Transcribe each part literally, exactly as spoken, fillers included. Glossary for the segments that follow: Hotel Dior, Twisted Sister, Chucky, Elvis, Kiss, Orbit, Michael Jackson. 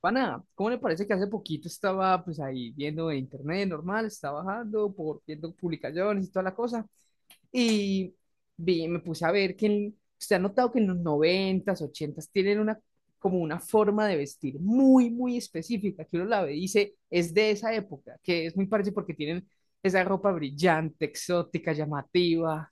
Pana, ¿cómo le parece que hace poquito estaba pues ahí viendo en internet normal, estaba bajando, por, viendo publicaciones y toda la cosa? Y vi, me puse a ver que en- usted ha notado que en los noventas, ochentas tienen una como una forma de vestir muy, muy específica, que uno la ve y dice, es de esa época, que es muy parecido porque tienen esa ropa brillante, exótica, llamativa,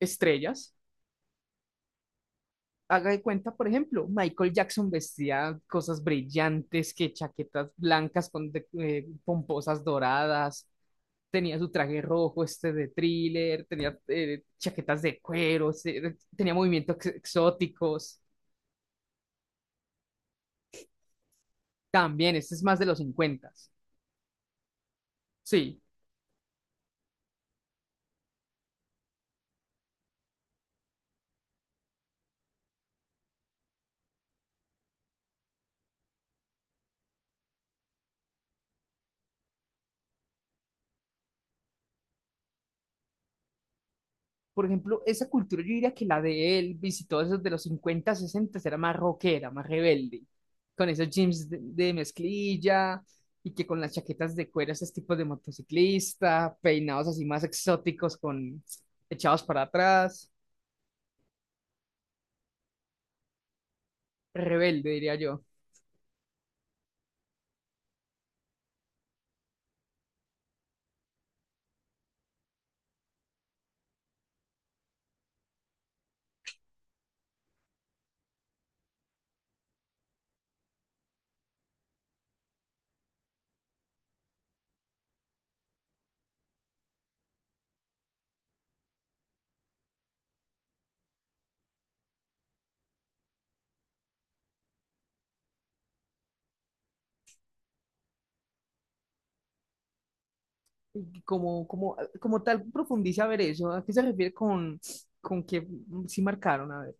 estrellas. Haga de cuenta, por ejemplo, Michael Jackson vestía cosas brillantes, que chaquetas blancas con de- eh, pomposas doradas, tenía su traje rojo este de Thriller, tenía eh, chaquetas de cuero, se- tenía movimientos ex- exóticos. También, este es más de los cincuenta. Sí, por ejemplo, esa cultura yo diría que la de Elvis y todos esos de los cincuenta sesenta era más rockera, más rebelde, con esos jeans de, de mezclilla y que con las chaquetas de cuero, esos tipos de motociclista, peinados así más exóticos, con echados para atrás, rebelde, diría yo. Y como, como, como tal, profundiza a ver eso. ¿A qué se refiere con, con que sí marcaron? A ver.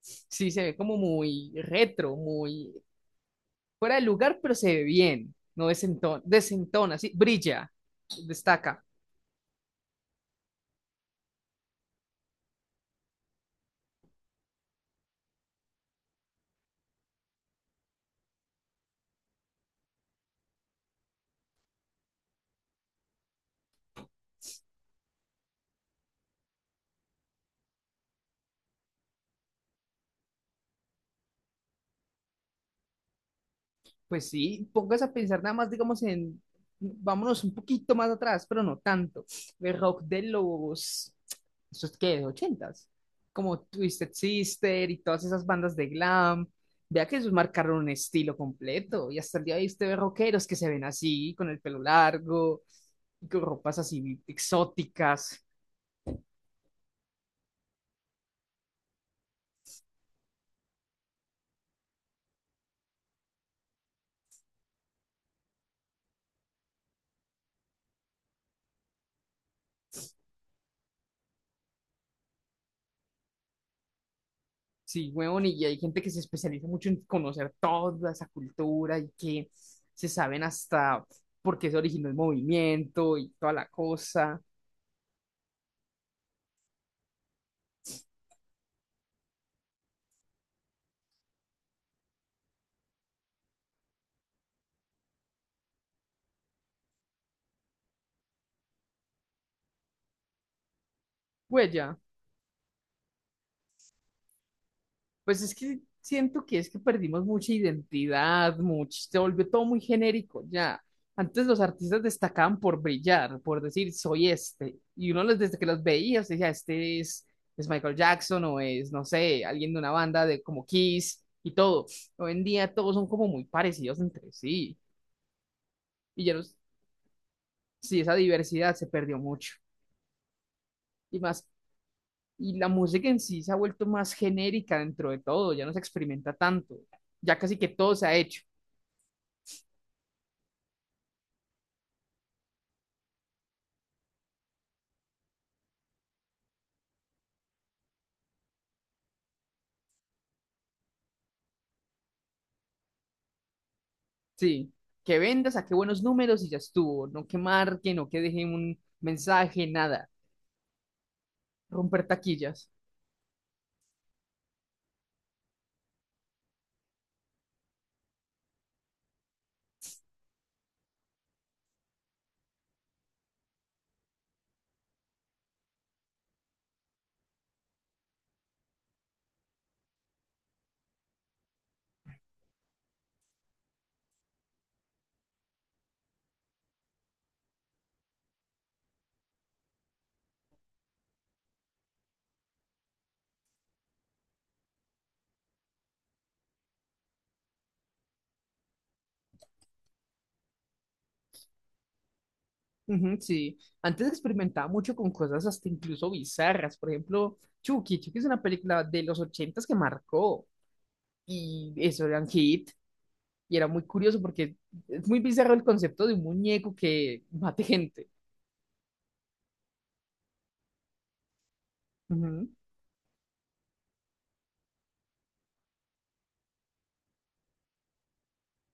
Sí, se ve como muy retro, muy fuera del lugar, pero se ve bien, no desentona, desentona, sí, brilla, destaca. Pues sí, póngase a pensar nada más, digamos, en, vámonos un poquito más atrás, pero no tanto. El rock de los, ¿eso es qué? Ochentas como Twisted Sister y todas esas bandas de glam. Vea que ellos marcaron un estilo completo y hasta el día de hoy usted ve rockeros que se ven así, con el pelo largo, y con ropas así exóticas. Sí, weón, y hay gente que se especializa mucho en conocer toda esa cultura y que se saben hasta por qué se originó el movimiento y toda la cosa. Huella. Pues es que siento que es que perdimos mucha identidad, mucho, se volvió todo muy genérico ya. Antes los artistas destacaban por brillar, por decir soy este, y uno los- desde que los veía, usted decía, este es, es Michael Jackson o es, no sé, alguien de una banda de como Kiss y todo. Hoy en día todos son como muy parecidos entre sí, y ya no, es- sí, esa diversidad se perdió mucho. Y más, y la música en sí se ha vuelto más genérica dentro de todo, ya no se experimenta tanto, ya casi que todo se ha hecho. Sí, que venda, saque buenos números y ya estuvo. No que marque, no que deje un mensaje, nada. Romper taquillas. Ujú, sí, antes experimentaba mucho con cosas hasta incluso bizarras. Por ejemplo, Chucky. Chucky es una película de los ochentas que marcó. Y eso era un hit. Y era muy curioso porque es muy bizarro el concepto de un muñeco que mate gente. Ujú.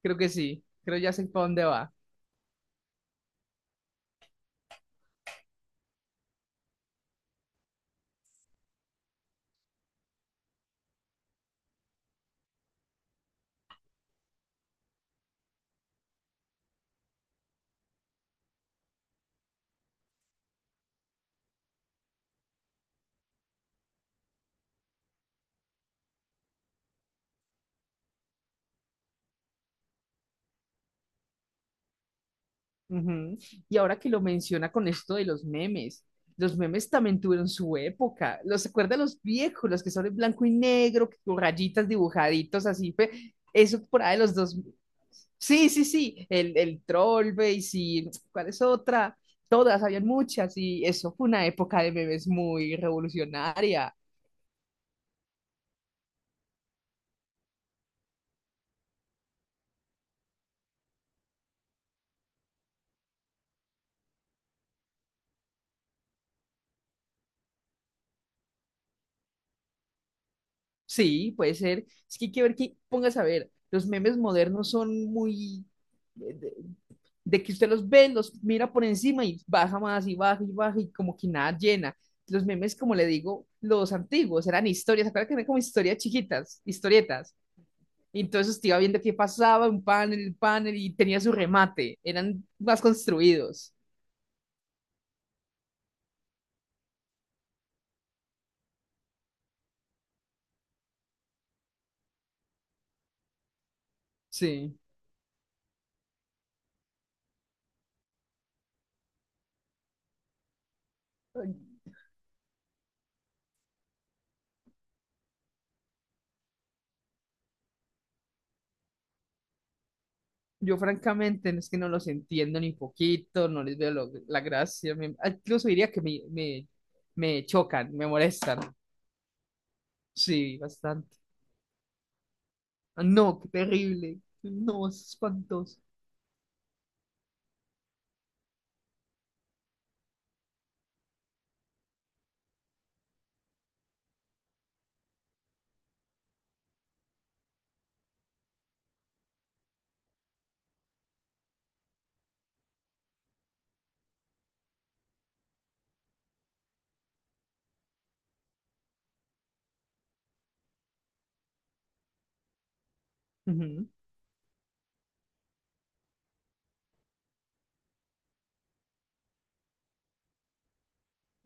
Creo que sí. Creo ya sé para dónde va. Ujú. Y ahora que lo menciona con esto de los memes, los memes también tuvieron su época. ¿Los acuerda los viejos, los que son en blanco y negro, que con rayitas dibujaditos así? Fue, eso por ahí de los dos. Sí, sí, sí, el, el Trollface y sí, ¿cuál es otra? Todas, habían muchas y eso fue una época de memes muy revolucionaria. Sí, puede ser. Es que hay que ver que, pongas a ver, los memes modernos son muy eh, de, de que usted los ve, los mira por encima y baja más y baja y baja y como que nada llena. Los memes, como le digo, los antiguos eran historias, ¿se que eran como historias chiquitas, historietas? Y entonces usted iba viendo qué pasaba, un panel, un panel y tenía su remate, eran más construidos. Sí. Yo francamente no es que no los entiendo ni poquito, no les veo lo- la gracia. Me- incluso diría que me, me, me chocan, me molestan. Sí, bastante. Ah, no, qué terrible. No, es espantoso. Ujú.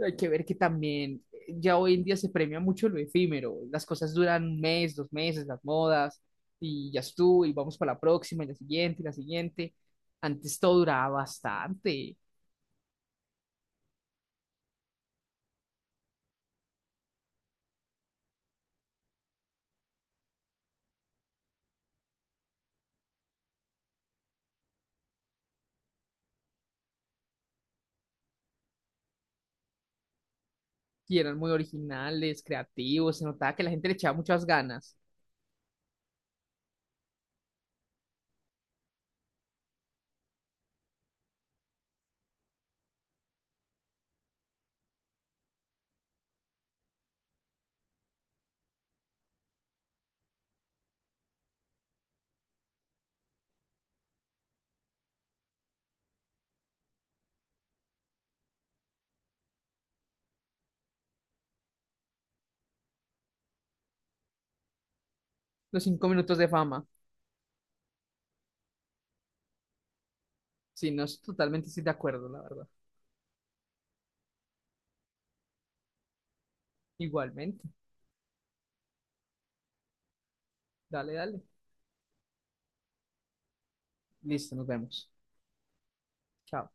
Hay que ver que también eh, ya hoy en día se premia mucho lo efímero. Las cosas duran un mes, dos meses, las modas, y ya estuvo, y vamos para la próxima, y la siguiente, y la siguiente. Antes todo duraba bastante y eran muy originales, creativos, se notaba que la gente le echaba muchas ganas. Los cinco minutos de fama. Sí, no, es- totalmente estoy de acuerdo, la verdad. Igualmente. Dale, dale. Listo, nos vemos. Chao.